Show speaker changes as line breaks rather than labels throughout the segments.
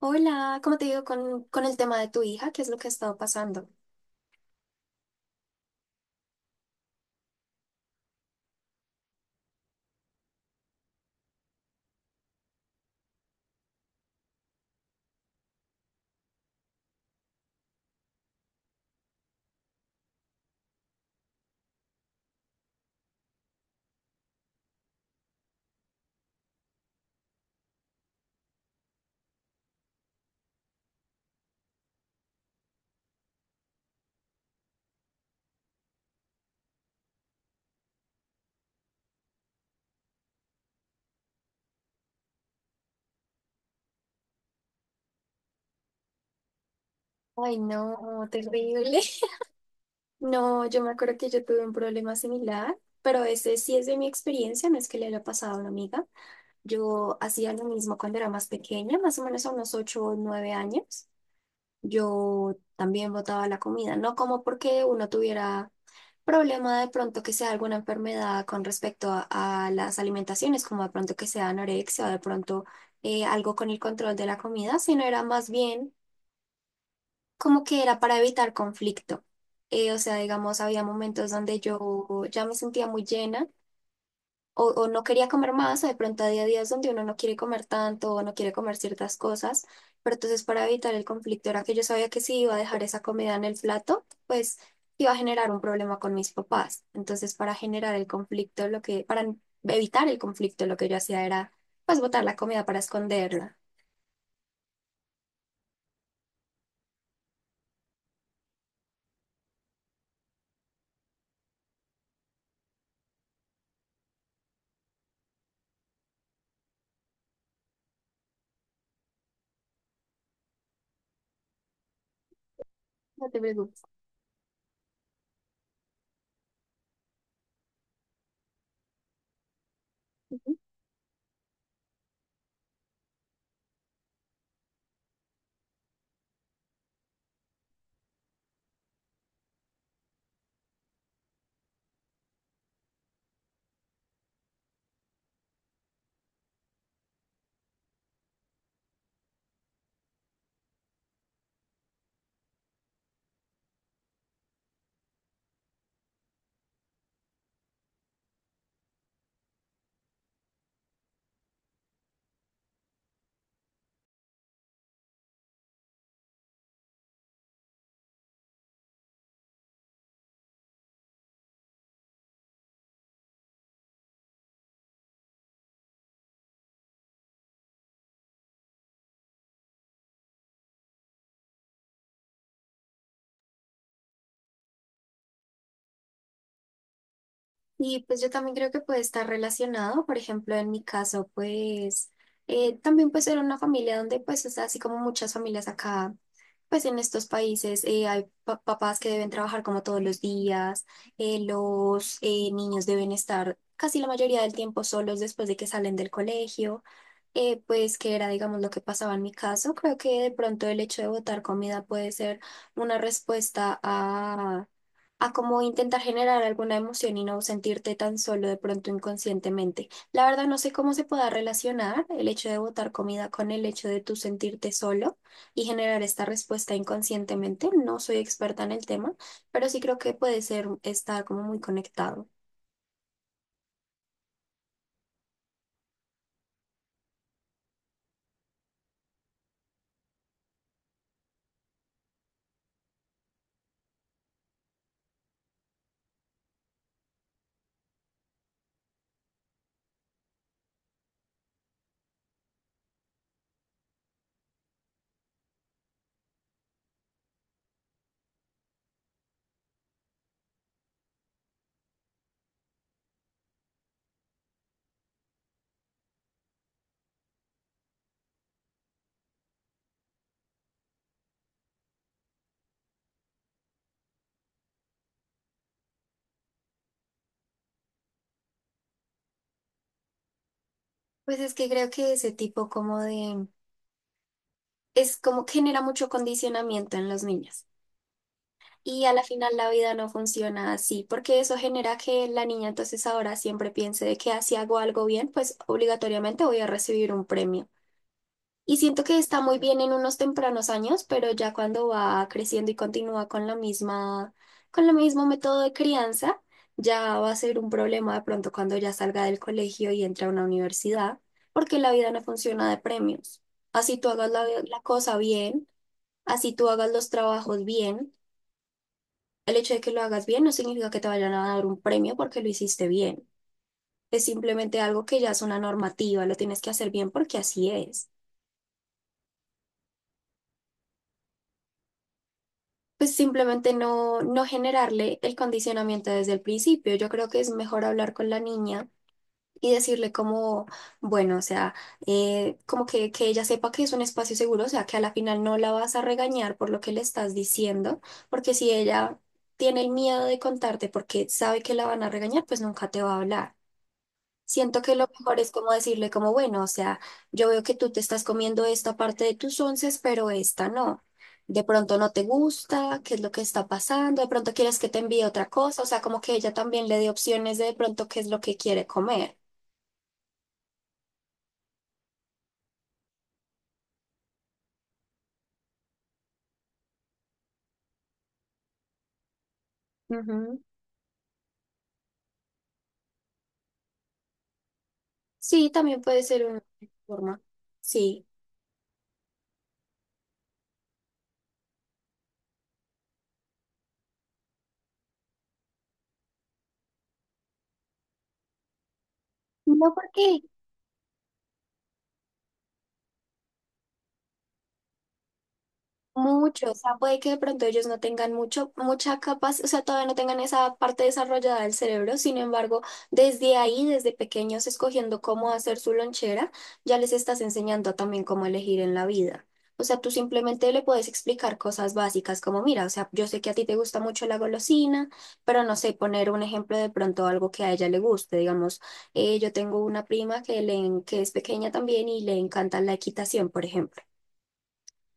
Hola, ¿cómo te digo con el tema de tu hija? ¿Qué es lo que ha estado pasando? Ay, no, terrible. No, yo me acuerdo que yo tuve un problema similar, pero ese sí es de mi experiencia, no es que le haya pasado a una amiga. Yo hacía lo mismo cuando era más pequeña, más o menos a unos 8, o 9 años. Yo también botaba la comida, no como porque uno tuviera problema de pronto que sea alguna enfermedad con respecto a las alimentaciones, como de pronto que sea anorexia o de pronto algo con el control de la comida, sino era más bien como que era para evitar conflicto. Digamos, había momentos donde yo ya me sentía muy llena o no quería comer más, o de pronto a día hay días donde uno no quiere comer tanto o no quiere comer ciertas cosas, pero entonces para evitar el conflicto era que yo sabía que si iba a dejar esa comida en el plato, pues iba a generar un problema con mis papás. Entonces para generar el conflicto, lo que, para evitar el conflicto, lo que yo hacía era pues botar la comida para esconderla. No te preocupes. Y pues yo también creo que puede estar relacionado, por ejemplo, en mi caso, pues también pues era una familia donde pues, o sea, así como muchas familias acá, pues en estos países hay papás que deben trabajar como todos los días, los niños deben estar casi la mayoría del tiempo solos después de que salen del colegio pues que era, digamos, lo que pasaba en mi caso. Creo que de pronto el hecho de botar comida puede ser una respuesta a cómo intentar generar alguna emoción y no sentirte tan solo de pronto inconscientemente. La verdad no sé cómo se pueda relacionar el hecho de botar comida con el hecho de tú sentirte solo y generar esta respuesta inconscientemente. No soy experta en el tema, pero sí creo que puede ser, estar como muy conectado. Pues es que creo que ese tipo como de es como que genera mucho condicionamiento en los niños. Y a la final la vida no funciona así, porque eso genera que la niña entonces ahora siempre piense de que ah, si hago algo bien, pues obligatoriamente voy a recibir un premio. Y siento que está muy bien en unos tempranos años, pero ya cuando va creciendo y continúa con la misma, con el mismo método de crianza, ya va a ser un problema de pronto cuando ya salga del colegio y entre a una universidad, porque la vida no funciona de premios. Así tú hagas la cosa bien. Así tú hagas los trabajos bien, el hecho de que lo hagas bien no significa que te vayan a dar un premio porque lo hiciste bien. Es simplemente algo que ya es una normativa, lo tienes que hacer bien porque así es. Pues simplemente no generarle el condicionamiento desde el principio. Yo creo que es mejor hablar con la niña y decirle como, bueno, o sea, que ella sepa que es un espacio seguro, o sea, que a la final no la vas a regañar por lo que le estás diciendo, porque si ella tiene el miedo de contarte porque sabe que la van a regañar, pues nunca te va a hablar. Siento que lo mejor es como decirle como, bueno, o sea, yo veo que tú te estás comiendo esta parte de tus onces, pero esta no. De pronto no te gusta, qué es lo que está pasando, de pronto quieres que te envíe otra cosa, o sea, como que ella también le dé opciones de pronto qué es lo que quiere comer. Ujú. Sí, también puede ser una forma. Sí. No porque mucho, o sea, puede que de pronto ellos no tengan mucha capacidad, o sea, todavía no tengan esa parte desarrollada del cerebro, sin embargo, desde ahí, desde pequeños, escogiendo cómo hacer su lonchera, ya les estás enseñando también cómo elegir en la vida. O sea, tú simplemente le puedes explicar cosas básicas como, mira, o sea, yo sé que a ti te gusta mucho la golosina, pero no sé, poner un ejemplo de pronto algo que a ella le guste, digamos, yo tengo una prima que es pequeña también y le encanta la equitación, por ejemplo.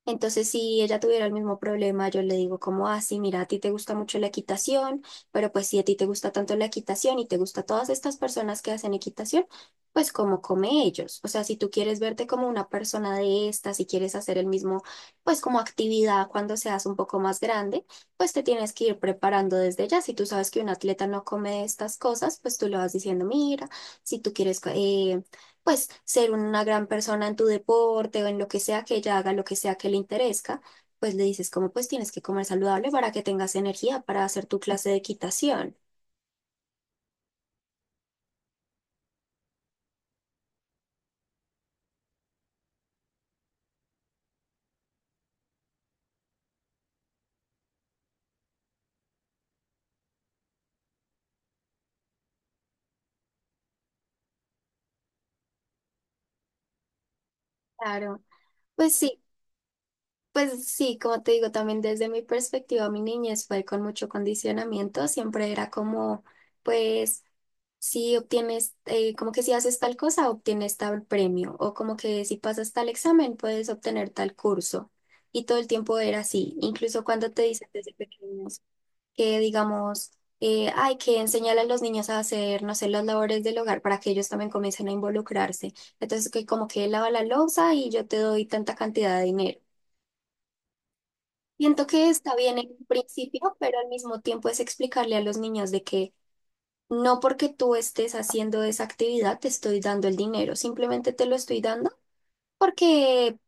Entonces, si ella tuviera el mismo problema, yo le digo como, ah, sí, mira, a ti te gusta mucho la equitación, pero pues si a ti te gusta tanto la equitación y te gusta todas estas personas que hacen equitación, pues como come ellos. O sea, si tú quieres verte como una persona de estas, si quieres hacer el mismo, pues como actividad cuando seas un poco más grande, pues te tienes que ir preparando desde ya. Si tú sabes que un atleta no come estas cosas, pues tú le vas diciendo, mira, si tú quieres... pues ser una gran persona en tu deporte o en lo que sea que ella haga, lo que sea que le interese, pues le dices como pues tienes que comer saludable para que tengas energía para hacer tu clase de equitación. Claro, pues sí, pues sí, como te digo, también desde mi perspectiva, mi niñez fue con mucho condicionamiento, siempre era como, pues, si obtienes, como que si haces tal cosa, obtienes tal premio, o como que si pasas tal examen, puedes obtener tal curso. Y todo el tiempo era así, incluso cuando te dicen desde pequeño. Que digamos, hay que enseñarle a los niños a hacer, no sé, las labores del hogar para que ellos también comiencen a involucrarse. Entonces, que como que lava la loza y yo te doy tanta cantidad de dinero. Siento que está bien en principio, pero al mismo tiempo es explicarle a los niños de que no porque tú estés haciendo esa actividad te estoy dando el dinero, simplemente te lo estoy dando. Porque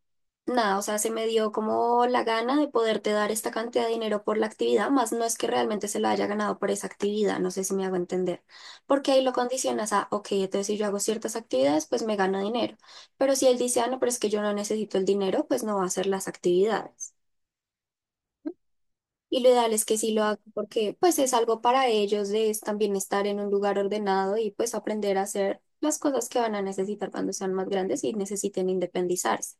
nada, o sea, se me dio como la gana de poderte dar esta cantidad de dinero por la actividad, más no es que realmente se lo haya ganado por esa actividad, no sé si me hago entender, porque ahí lo condicionas a, ok, entonces si yo hago ciertas actividades, pues me gano dinero, pero si él dice, ah, no, pero es que yo no necesito el dinero, pues no va a hacer las actividades. Y lo ideal es que sí lo haga porque pues es algo para ellos de es también estar en un lugar ordenado y pues aprender a hacer las cosas que van a necesitar cuando sean más grandes y necesiten independizarse.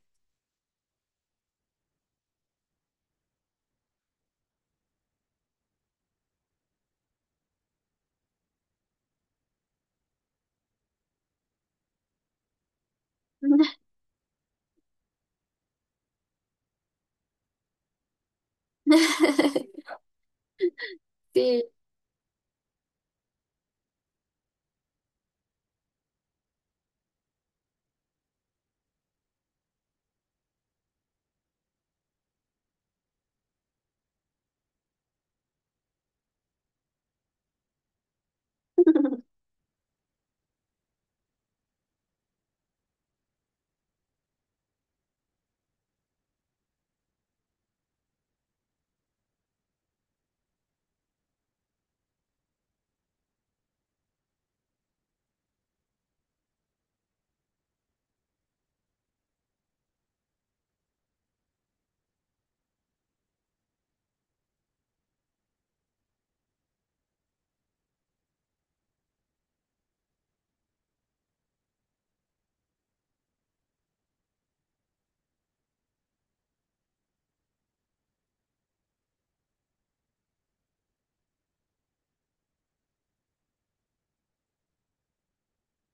Sí.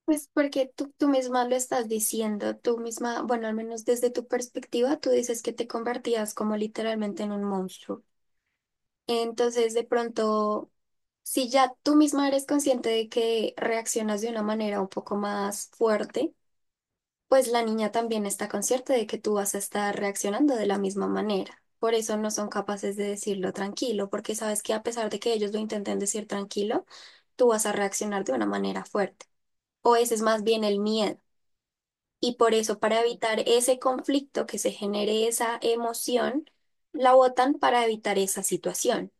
Pues porque tú misma lo estás diciendo, tú misma, bueno, al menos desde tu perspectiva, tú dices que te convertías como literalmente en un monstruo. Entonces, de pronto, si ya tú misma eres consciente de que reaccionas de una manera un poco más fuerte, pues la niña también está consciente de que tú vas a estar reaccionando de la misma manera. Por eso no son capaces de decirlo tranquilo, porque sabes que a pesar de que ellos lo intenten decir tranquilo, tú vas a reaccionar de una manera fuerte. O ese es más bien el miedo. Y por eso, para evitar ese conflicto que se genere esa emoción, la votan para evitar esa situación.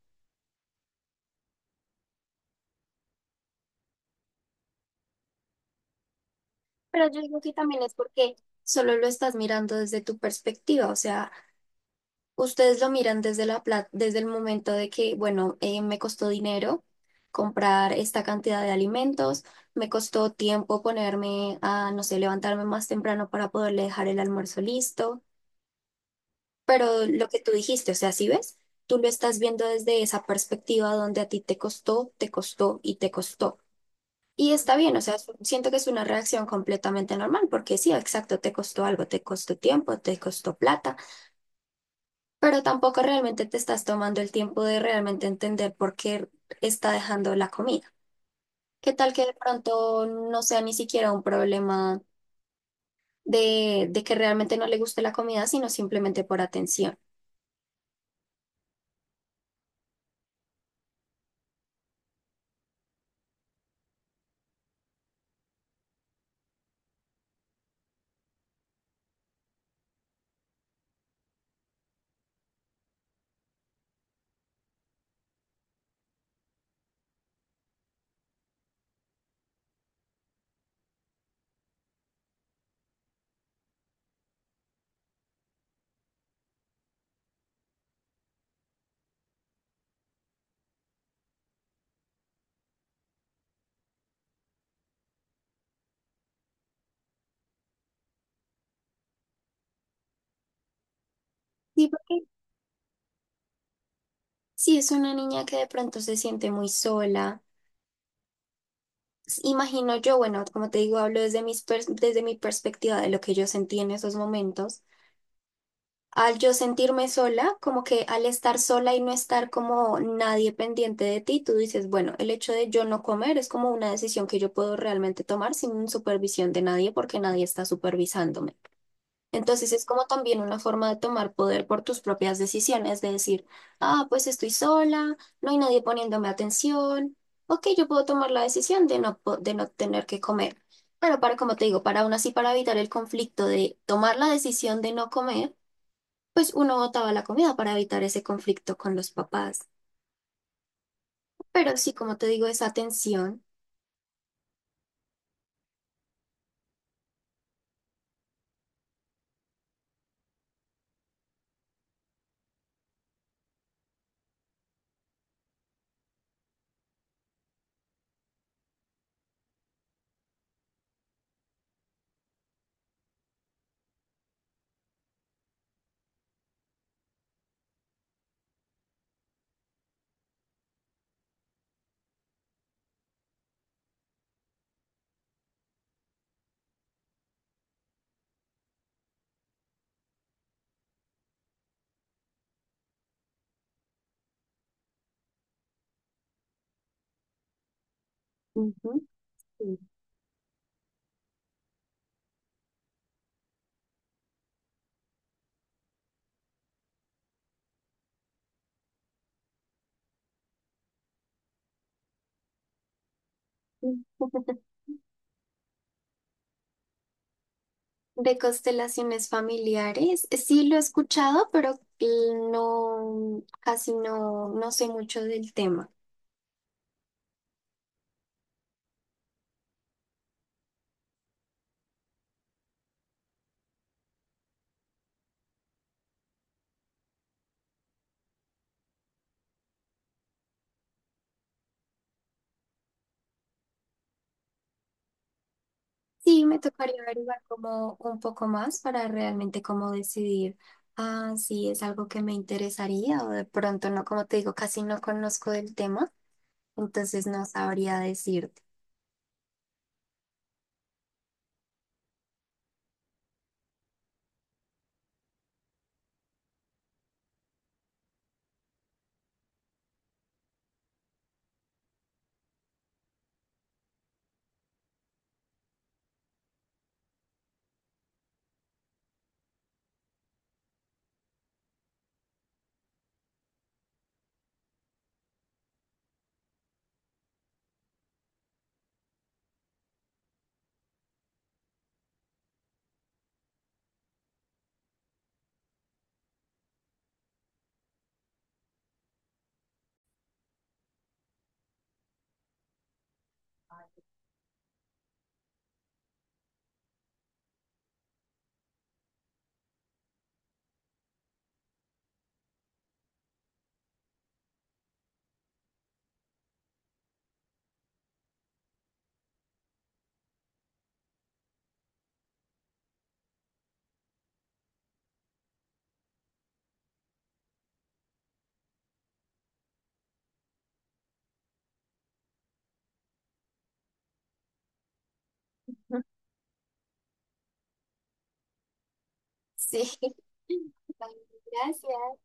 Pero yo digo que también es porque solo lo estás mirando desde tu perspectiva, o sea, ustedes lo miran desde la desde el momento de que, bueno, me costó dinero comprar esta cantidad de alimentos, me costó tiempo ponerme a, no sé, levantarme más temprano para poderle dejar el almuerzo listo. Pero lo que tú dijiste, o sea, si ves, tú lo estás viendo desde esa perspectiva donde a ti te costó, te costó. Y está bien, o sea, siento que es una reacción completamente normal, porque sí, exacto, te costó algo, te costó tiempo, te costó plata, pero tampoco realmente te estás tomando el tiempo de realmente entender por qué está dejando la comida. ¿Qué tal que de pronto no sea ni siquiera un problema de que realmente no le guste la comida, sino simplemente por atención? Sí, porque si es una niña que de pronto se siente muy sola, imagino yo, bueno, como te digo, hablo desde desde mi perspectiva de lo que yo sentí en esos momentos. Al yo sentirme sola, como que al estar sola y no estar como nadie pendiente de ti, tú dices, bueno, el hecho de yo no comer es como una decisión que yo puedo realmente tomar sin supervisión de nadie porque nadie está supervisándome. Entonces es como también una forma de tomar poder por tus propias decisiones, de decir, ah, pues estoy sola, no hay nadie poniéndome atención, ok, yo puedo tomar la decisión de de no tener que comer. Pero para, como te digo, para aún así, para evitar el conflicto de tomar la decisión de no comer, pues uno botaba la comida para evitar ese conflicto con los papás. Pero sí, como te digo, esa tensión. Ujú. Sí. De constelaciones familiares, sí lo he escuchado, pero no, casi no, no sé mucho del tema. Sí, me tocaría averiguar como un poco más para realmente como decidir, ah, si es algo que me interesaría o de pronto no, como te digo, casi no conozco del tema, entonces no sabría decirte. Sí. Ay, gracias.